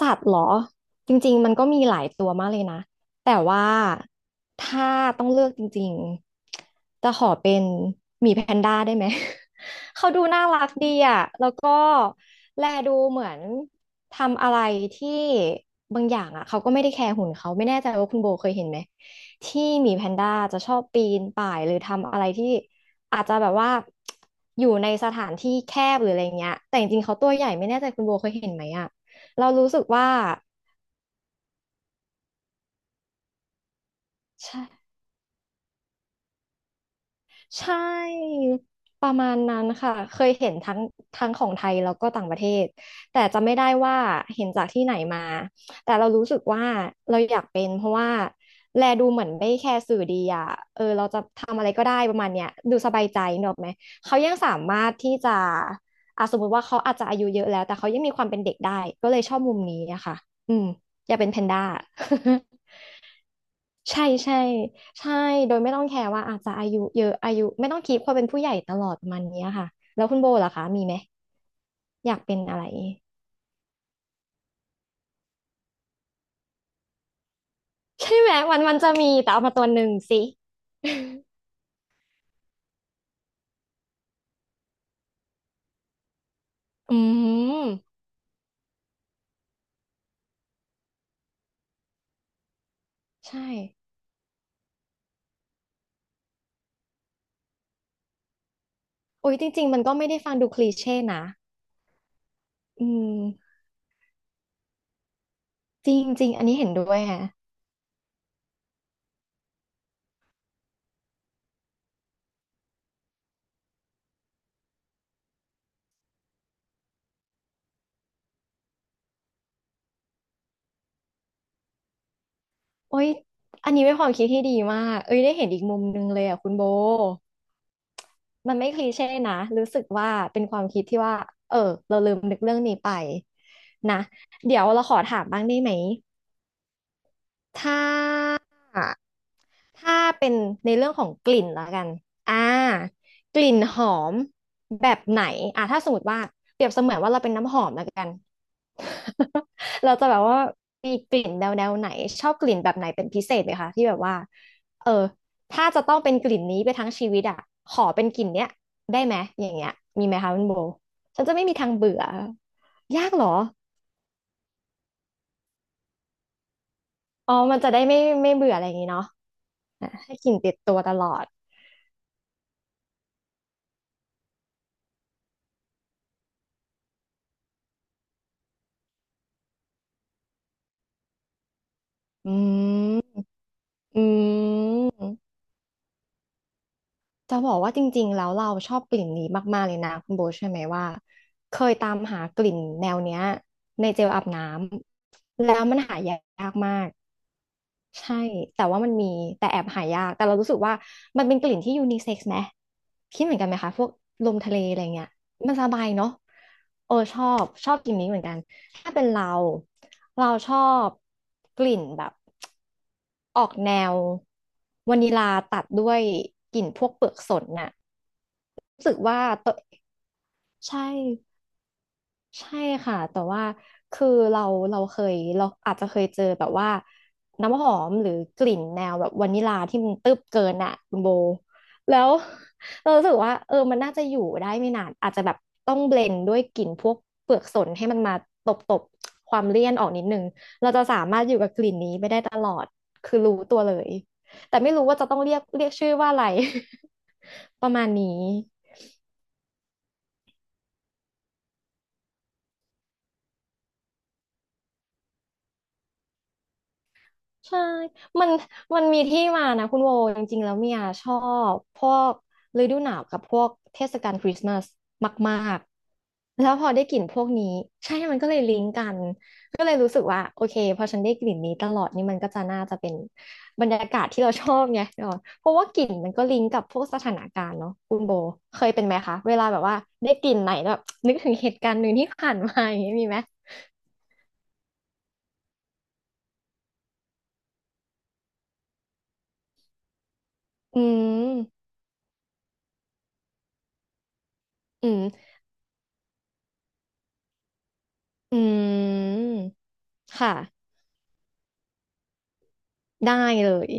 สัตว์เหรอจริงๆมันก็มีหลายตัวมากเลยนะแต่ว่าถ้าต้องเลือกจริงๆจะขอเป็นหมีแพนด้าได้ไหม เขาดูน่ารักดีอ่ะแล้วก็แลดูเหมือนทำอะไรที่บางอย่างอ่ะเขาก็ไม่ได้แคร์หุ่นเขาไม่แน่ใจว่าคุณโบเคยเห็นไหมที่หมีแพนด้าจะชอบปีนป่ายหรือทำอะไรที่อาจจะแบบว่าอยู่ในสถานที่แคบหรืออะไรเงี้ยแต่จริงๆเขาตัวใหญ่ไม่แน่ใจคุณโบเคยเห็นไหมอ่ะ เรารู้สึกว่าใช่ใช่ประมาณนั้นค่ะเคยเห็นทั้งของไทยแล้วก็ต่างประเทศแต่จะไม่ได้ว่าเห็นจากที่ไหนมาแต่เรารู้สึกว่าเราอยากเป็นเพราะว่าแลดูเหมือนไม่แคร์สื่อดีอ่ะเออเราจะทำอะไรก็ได้ประมาณเนี้ยดูสบายใจเนกอะไหมเขายังสามารถที่จะอ่ะสมมติว่าเขาอาจจะอายุเยอะแล้วแต่เขายังมีความเป็นเด็กได้ก็เลยชอบมุมนี้นะคะอืมอยากเป็นแพนด้า ใช่ใช่ใช่โดยไม่ต้องแคร์ว่าอาจจะอายุเยอะอายุไม่ต้องคีพความเป็นผู้ใหญ่ตลอดประมันเนี้ยค่ะแล้วคุณโบล่ะคะมีไหมอยากเป็นอะไรใช่ไหมมันจะมีแต่เอามาตัวหนึ่งสิ อืมใช่โอ้ยจริงๆมันก็ไม่ได้ฟังดูคลีเช่นะอืมจริงๆอันนี้เห็นด้วยฮะโอ้ยอันนี้เป็นความคิดที่ดีมากเอ้ยได้เห็นอีกมุมหนึงเลยอ่ะคุณโบ มันไม่คลีเช่นะรู้สึกว่าเป็นความคิดที่ว่าเออเราลืมนึกเรื่องนี้ไปนะเดี๋ยวเราขอถามบ้างได้ไหมถ้า ถ้าเป็นในเรื่องของกลิ่นแล้วกันอ่ากลิ่นหอมแบบไหนถ้าสมมติว่าเปรียบเสมือนว่าเราเป็นน้ำหอมแล้วกัน เราจะแบบว่ามีกลิ่นแนวไหนชอบกลิ่นแบบไหนเป็นพิเศษไหมคะที่แบบว่าเออถ้าจะต้องเป็นกลิ่นนี้ไปทั้งชีวิตอ่ะขอเป็นกลิ่นเนี้ยได้ไหมอย่างเงี้ยมีไหมคะคุณโบฉันจะไม่มีทางเบื่อยากเหรออ๋อมันจะได้ไม่เบื่ออะไรอย่างงี้เนาะอ่ะให้กลิ่นติดตัวตลอดอืม อืมจะบอกว่าจริงๆแล้วเราชอบกลิ่นนี้มากๆเลยนะคุณโบทใช่ไหมว่าเคยตามหากลิ่นแนวเนี้ยในเจลอาบน้ำแล้วมันหายากมากใช่แต่ว่ามันมีแต่แอบหายากแต่เรารู้สึกว่ามันเป็นกลิ่นที่ยูนิเซ็กซ์ไหมคิดเหมือนกันไหมคะพวกลมทะเลอะไรเงี้ยมันสบายเนาะเออชอบชอบกลิ่นนี้เหมือนกันถ้าเป็นเราชอบกลิ่นแบบ ออกแนววานิลาตัดด้วยกลิ่นพวกเปลือกสนน่ะรู้สึกว่าตัวใช่ ใช่ค่ะแต่ว่าคือเราอาจจะเคยเจอแบบว่าน้ำหอมหรือกลิ่นแนวแบบวานิลาที่มันตึ๊บเกินอ่ะคุณโบแล้ว เรารู้สึกว่าเออมันน่าจะอยู่ได้ไม่นานอาจจะแบบต้องเบลนด์ด้วยกลิ่นพวกเปลือกสนให้มันมาตบตบความเลี่ยนออกนิดนึงเราจะสามารถอยู่กับกลิ่นนี้ไปได้ตลอดคือรู้ตัวเลยแต่ไม่รู้ว่าจะต้องเรียกชื่อว่าอะไร ประมาณนี้ ใช่มันมันมีที่มานะคุณโวจริงๆแล้วเมียชอบพวกฤดูหนาวกับพวกเทศกาลคริสต์มาสมากๆแล้วพอได้กลิ่นพวกนี้ใช่มันก็เลยลิงก์กันก็เลยรู้สึกว่าโอเคพอฉันได้กลิ่นนี้ตลอดนี่มันก็จะน่าจะเป็นบรรยากาศที่เราชอบไงเออเพราะว่ากลิ่นมันก็ลิงก์กับพวกสถานการณ์เนาะคุณโบเคยเป็นไหมคะเวลาแบบว่าได้กลิ่นไหนแล้วแบบนึกถึงเหตุการณ์หนึ่งที่ผ่านมาอย่างนี้มีไหมอืมอืมอืมค่ะ ได้เลย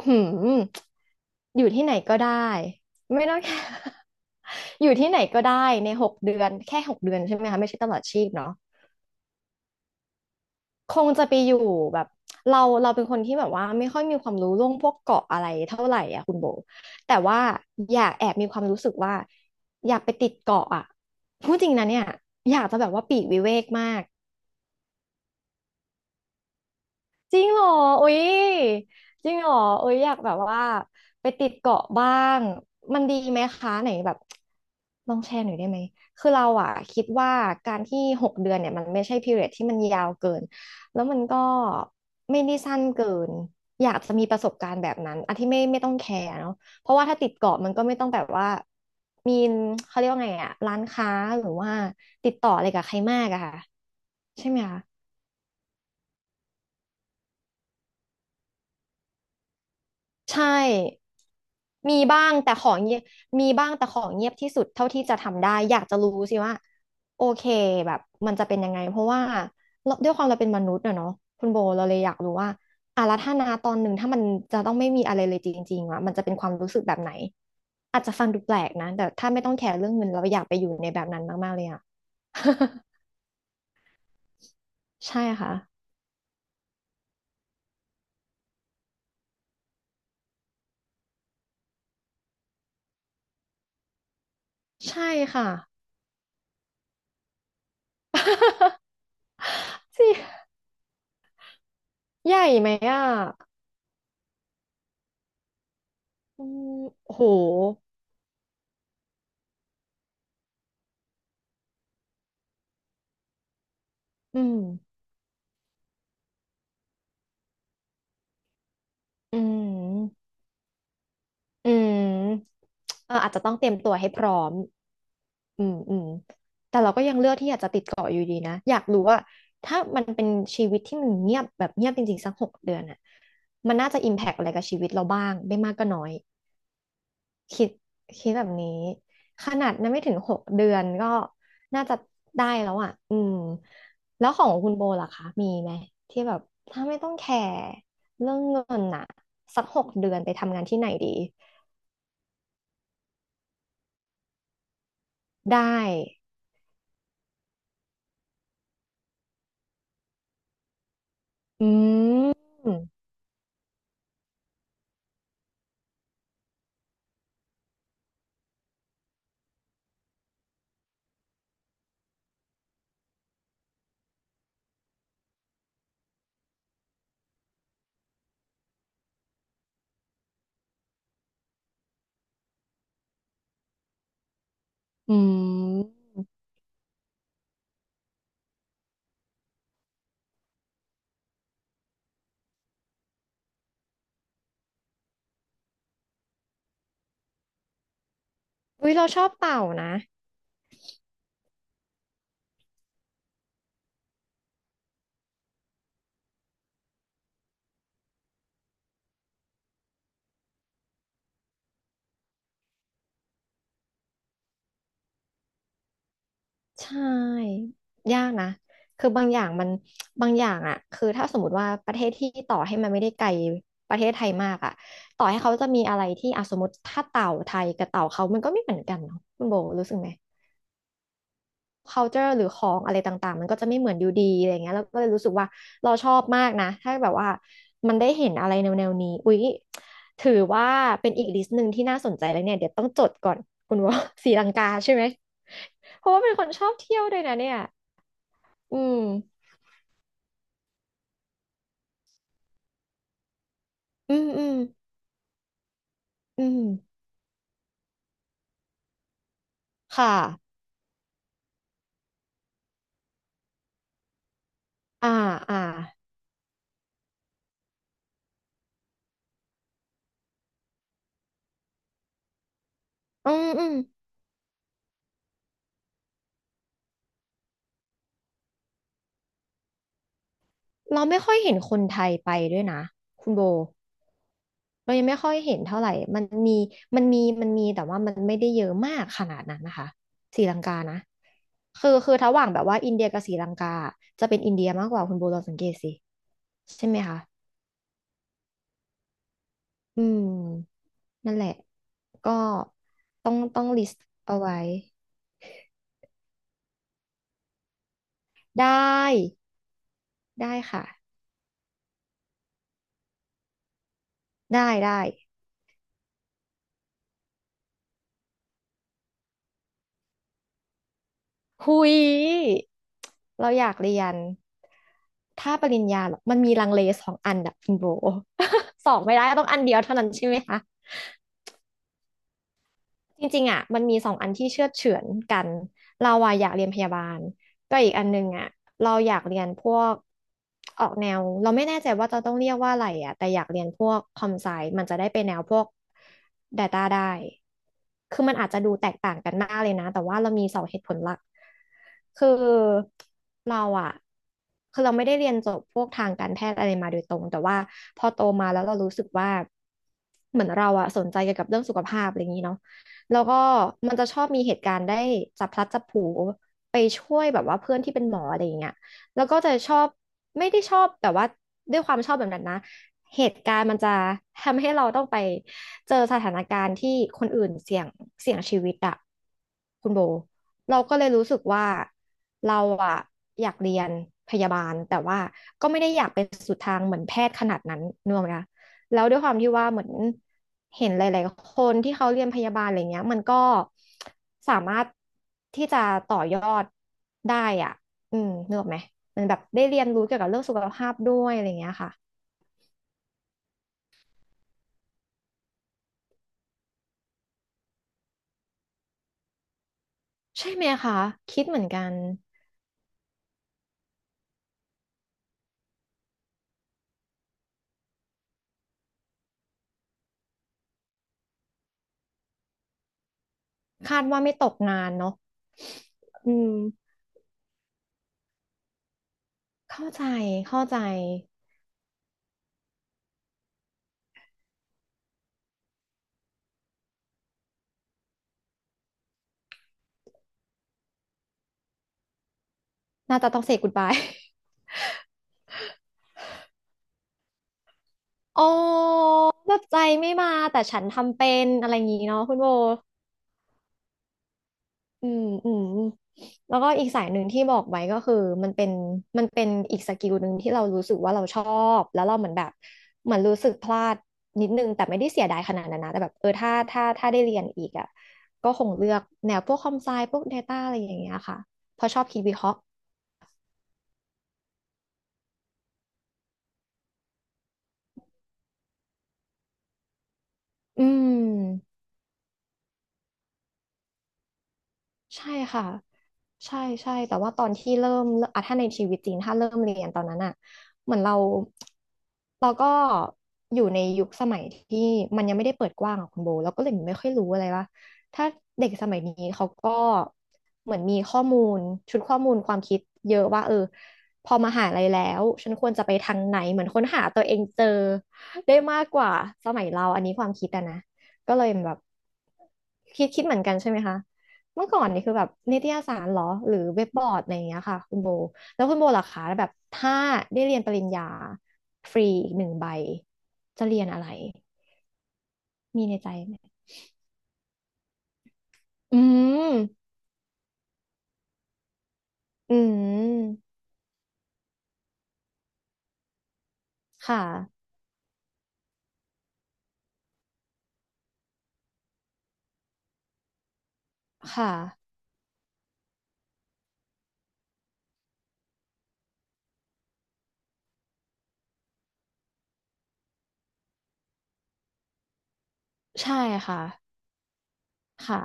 หืมอยู่ที่ไหนก็ได้ไม่ต้อง แค่ อยู่ที่ไหนก็ได้ในหกเดือนแค่หกเดือนใช่ไหมคะไม่ใช่ตลอดชีพเนาะคงจะไปอยู่แบบเราเป็นคนที่แบบว่าไม่ค่อยมีความรู้เรื่องพวกเกาะอะไรเท่าไหร่อ่ะคุณโบแต่ว่าอยากแอบมีความรู้สึกว่าอยากไปติดเกาะอ่ะพูดจริงนะเนี่ยอยากจะแบบว่าปลีกวิเวกมาก จริงเหรออุ๊ยจริงเหรออุ๊ยอยากแบบว่าไปติดเกาะบ้างมันดีไหมคะไหนแบบลองแชร์หน่อยได้ไหมคือเราอะคิดว่าการที่หกเดือนเนี่ยมันไม่ใช่ period ที่มันยาวเกินแล้วมันก็ไม่ได้สั้นเกินอยากจะมีประสบการณ์แบบนั้นอันที่ไม่ต้องแคร์เนาะเพราะว่าถ้าติดเกาะมันก็ไม่ต้องแบบว่ามีเขาเรียกว่าไงอะร้านค้าหรือว่าติดต่ออะไรกับใครมากอะค่ะใช่ไหมคะ ใช่ มีบ้างแต่ของเงียบ มีบ้างแต่ของเงียบที่สุดเท่าที่จะทำได้ อยากจะรู้สิว่าโอเคแบบมันจะเป็นยังไงเพราะว่าเราด้วยความเราเป็นมนุษย์อะเนาะคุณโบเราเลยอยากรู้ว่าอ่ะแล้วถ้านาตอนหนึ่งถ้ามันจะต้องไม่มีอะไรเลยจริงๆอะมันจะเป็นความรู้สึกแบบไหนอาจจะฟังดูแปลกนะแต่ถ้าไม่ต้องแคร์เรื่องเงินเราอยากไปอยู่ในแบบนั้นมากๆเลยอะ ใช่ค่ะใช่ค่ะ สิใหญ่ไหมอ่ะอืมโห อืมอืมอืมเอออาจจะต้องเตรียมตัวให้พร้อมอืมอืมแต่เราก็ยังเลือกที่อยากจะติดเกาะอยู่ดีนะ อยากรู้ว่าถ้ามันเป็นชีวิตที่มันเงียบแบบเงียบจริงๆสักหกเดือนอ่ะมันน่าจะอิมแพกอะไรกับชีวิตเราบ้างไม่มากก็น้อย คิดคิดแบบนี้ขนาดนั้นไม่ถึงหกเดือนก็น่าจะได้แล้วอ่ะอืมแล้วของคุณโบล่ะคะมีไหมที่แบบถ้าไม่ต้องแคร์เรื่องเงินน่ะสักหกเดือนไปทำงานที่ไหนดีได้อืมอืมอุ้ยเราชอบเต่านะ ใช่ยากนะคือบางอย่างมันบางอย่างอ่ะคือถ้าสมมติว่าประเทศที่ต่อให้มันไม่ได้ไกลประเทศไทยมากอ่ะต่อให้เขาจะมีอะไรที่อ่ะสมมติถ้าเต่าไทยกับเต่าเขามันก็ไม่เหมือนกันเนาะคุณโบรู้สึกไหม culture หรือของอะไรต่างๆมันก็จะไม่เหมือนอยู่ดีอะไรเงี้ยแล้วก็เลยรู้สึกว่าเราชอบมากนะถ้าแบบว่ามันได้เห็นอะไรแนวๆนวนี้อุ๊ยถือว่าเป็นอีกลิสต์หนึ่งที่น่าสนใจแล้วเนี่ยเดี๋ยวต้องจดก่อนคุณว่า ศรีลังกาใช่ไหมเพราะว่าเป็นคนชอบเที่ยวด้วยนะเนี่ย อืมอืมอืมอืมค่ะอ่าอ่าอืมอืมเราไม่ค่อยเห็นคนไทยไปด้วยนะคุณโบเรายังไม่ค่อยเห็นเท่าไหร่มันมีแต่ว่ามันไม่ได้เยอะมากขนาดนั้นนะคะศรีลังกานะคือคือระหว่างแบบว่าอินเดียกับศรีลังกาอะจะเป็นอินเดียมากกว่าคุณโบลองสังเกตสิใช่ไหมคะอืมนั่นแหละก็ต้องลิสต์เอาไว้ได้ได้ค่ะได้ได้ หุยเราอยากเรียนถ้าปริญญาเหรอมันมีลังเลสองอันอะคุณโบ สองไม่ได้ต้องอันเดียวเท่านั้นใช่ไหมคะ จริงๆอ่ะมันมีสองอันที่เชื่อดเฉือนกันเราอ่ะอยากเรียนพยาบาลก็อีกอันนึงอ่ะเราอยากเรียนพวกออกแนวเราไม่แน่ใจว่าจะต้องเรียกว่าอะไรอ่ะแต่อยากเรียนพวกคอมไซมันจะได้ไปแนวพวก Data ได้คือมันอาจจะดูแตกต่างกันมากเลยนะแต่ว่าเรามีสองเหตุผลหลักคือเราอ่ะคือเราไม่ได้เรียนจบพวกทางการแพทย์อะไรมาโดยตรงแต่ว่าพอโตมาแล้วเรารู้สึกว่าเหมือนเราอ่ะสนใจเกี่ยวกับเรื่องสุขภาพอะไรอย่างนี้เนาะ แล้วก็มันจะชอบมีเหตุการณ์ได้จับพลัดจับผลูไปช่วยแบบว่าเพื่อนที่เป็นหมออะไรอย่างเงี้ยแล้วก็จะชอบไม่ได้ชอบแต่ว่าด้วยความชอบแบบนั้นนะเหตุการณ์มันจะทำให้เราต้องไปเจอสถานการณ์ที่คนอื่นเสี่ยงเสี่ยงชีวิตอะคุณโบเราก็เลยรู้สึกว่าเราอะอยากเรียนพยาบาลแต่ว่าก็ไม่ได้อยากเป็นสุดทางเหมือนแพทย์ขนาดนั้นนึกออกไหมคะ แล้วด้วยความที่ว่าเหมือนเห็นหลายๆคนที่เขาเรียนพยาบาลอะไรเงี้ยมันก็สามารถที่จะต่อยอดได้อ่ะอืมนึกออกไหมมันแบบได้เรียนรู้เกี่ยวกับเรื่องสุขภาพด้วยอะไรเงี้ยค่ะใช่ไหมคะคิดเหมือนกันคาดว่าไม่ตกงานเนาะอืมเข้าใจเข้าใจน่าจะต้องเ a y ก o ดบาย โอ้แบบใจไม่มาแต่ฉันทำเป็นอะไรอย่างงี้เนาะคุณโบ อืมอืมแล้วก็อีกสายหนึ่งที่บอกไว้ก็คือมันเป็นมันเป็นอีกสกิลหนึ่งที่เรารู้สึกว่าเราชอบแล้วเราเหมือนแบบเหมือนรู้สึกพลาดนิดนึงแต่ไม่ได้เสียดายขนาดนั้นนะแต่แบบเออถ้าได้เรียนอีกอ่ะก็คงเลือกแนวพวกคอมไซพวก Data อะไรอย่างเงี้ยค่ะเพราะชอบคิดวิเคราะห์อืม ใช่ค่ะใช่ใช่แต่ว่าตอนที่เริ่มอ่ะถ้าในชีวิตจริงถ้าเริ่มเรียนตอนนั้นอ่ะเหมือนเราเราก็อยู่ในยุคสมัยที่มันยังไม่ได้เปิดกว้างอะคุณโบเราก็เลยไม่ค่อยรู้อะไรว่าถ้าเด็กสมัยนี้เขาก็เหมือนมีข้อมูลชุดข้อมูลความคิดเยอะว่าเออพอมหาลัยแล้วฉันควรจะไปทางไหนเหมือนค้นหาตัวเองเจอได้มากกว่าสมัยเราอันนี้ความคิดอะนะก็เลยแบบคิดเหมือนกันใช่ไหมคะ เมื่อก่อนนี่คือแบบนิตยสารเหรอหรือเว็บบอร์ดอะไรอย่างเงี้ยค่ะคุณโบแล้วคุณโบล่ะคะแบบถ้าได้เรียนปริญญาฟรีอีกหนึ่งใบจะเรียนอะไรมีในใจไหมอืมอืมค่ะค่ะใช่ค่ะค่ะ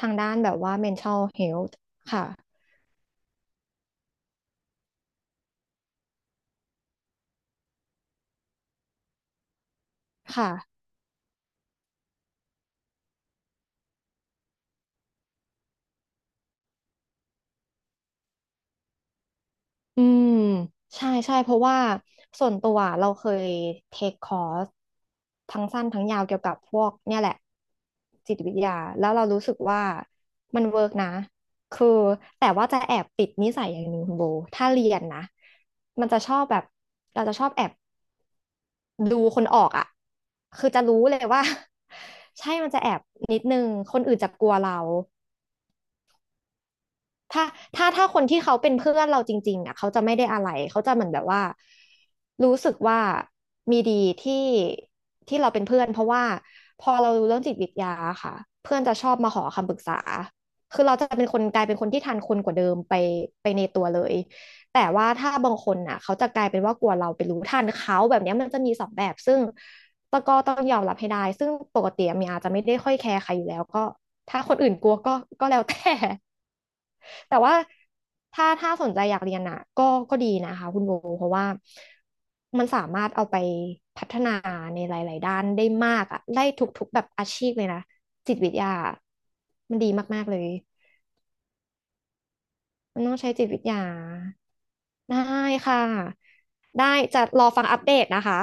ทางด้านแบบว่า mental health ค่ะค่ะ อืมใช่ใช่เพราะว่าส่วนตัวเราเคยเทคคอร์สทั้งสั้นทั้งยาวเกี่ยวกับพวกเนี่ยแหละจิตวิทยาแล้วเรารู้สึกว่ามันเวิร์กนะคือแต่ว่าจะแอบติดนิสัยอย่างหนึ่งคุณโบถ้าเรียนนะมันจะชอบแบบเราจะชอบแอบดูคนออกอ่ะคือจะรู้เลยว่า ใช่มันจะแอบนิดนึงคนอื่นจะกลัวเรา ถ้าถ้าคนที่เขาเป็นเพื่อนเราจริงๆอ่ะเขาจะไม่ได้อะไรเขาจะเหมือนแบบว่ารู้สึกว่ามีดีที่ที่เราเป็นเพื่อนเพราะว่าพอเรารู้เรื่องจิตวิทยาค่ะเพื่อนจะชอบมาขอคำปรึกษาคือเราจะเป็นคนกลายเป็นคนที่ทันคนกว่าเดิมไปไปในตัวเลยแต่ว่าถ้าบางคนน่ะเขาจะกลายเป็นว่ากลัวเราไปรู้ทันเขาแบบเนี้ยมันจะมีสองแบบซึ่งตะก็ต้องยอมรับให้ได้ซึ่งปกติเมียอาจจะไม่ได้ค่อยแคร์ใครอยู่แล้วก็ถ้าคนอื่นกลัวก็ก็แล้วแต่ แต่ว่าถ้าสนใจอยากเรียนอ่ะก็ก็ดีนะคะคุณโบเพราะว่ามันสามารถเอาไปพัฒนาในหลายๆด้านได้มากอ่ะได้ทุกๆแบบอาชีพเลยนะจิตวิทยามันดีมากๆเลยมันต้องใช้จิตวิทยาได้ค่ะได้จะรอฟังอัปเดตนะคะ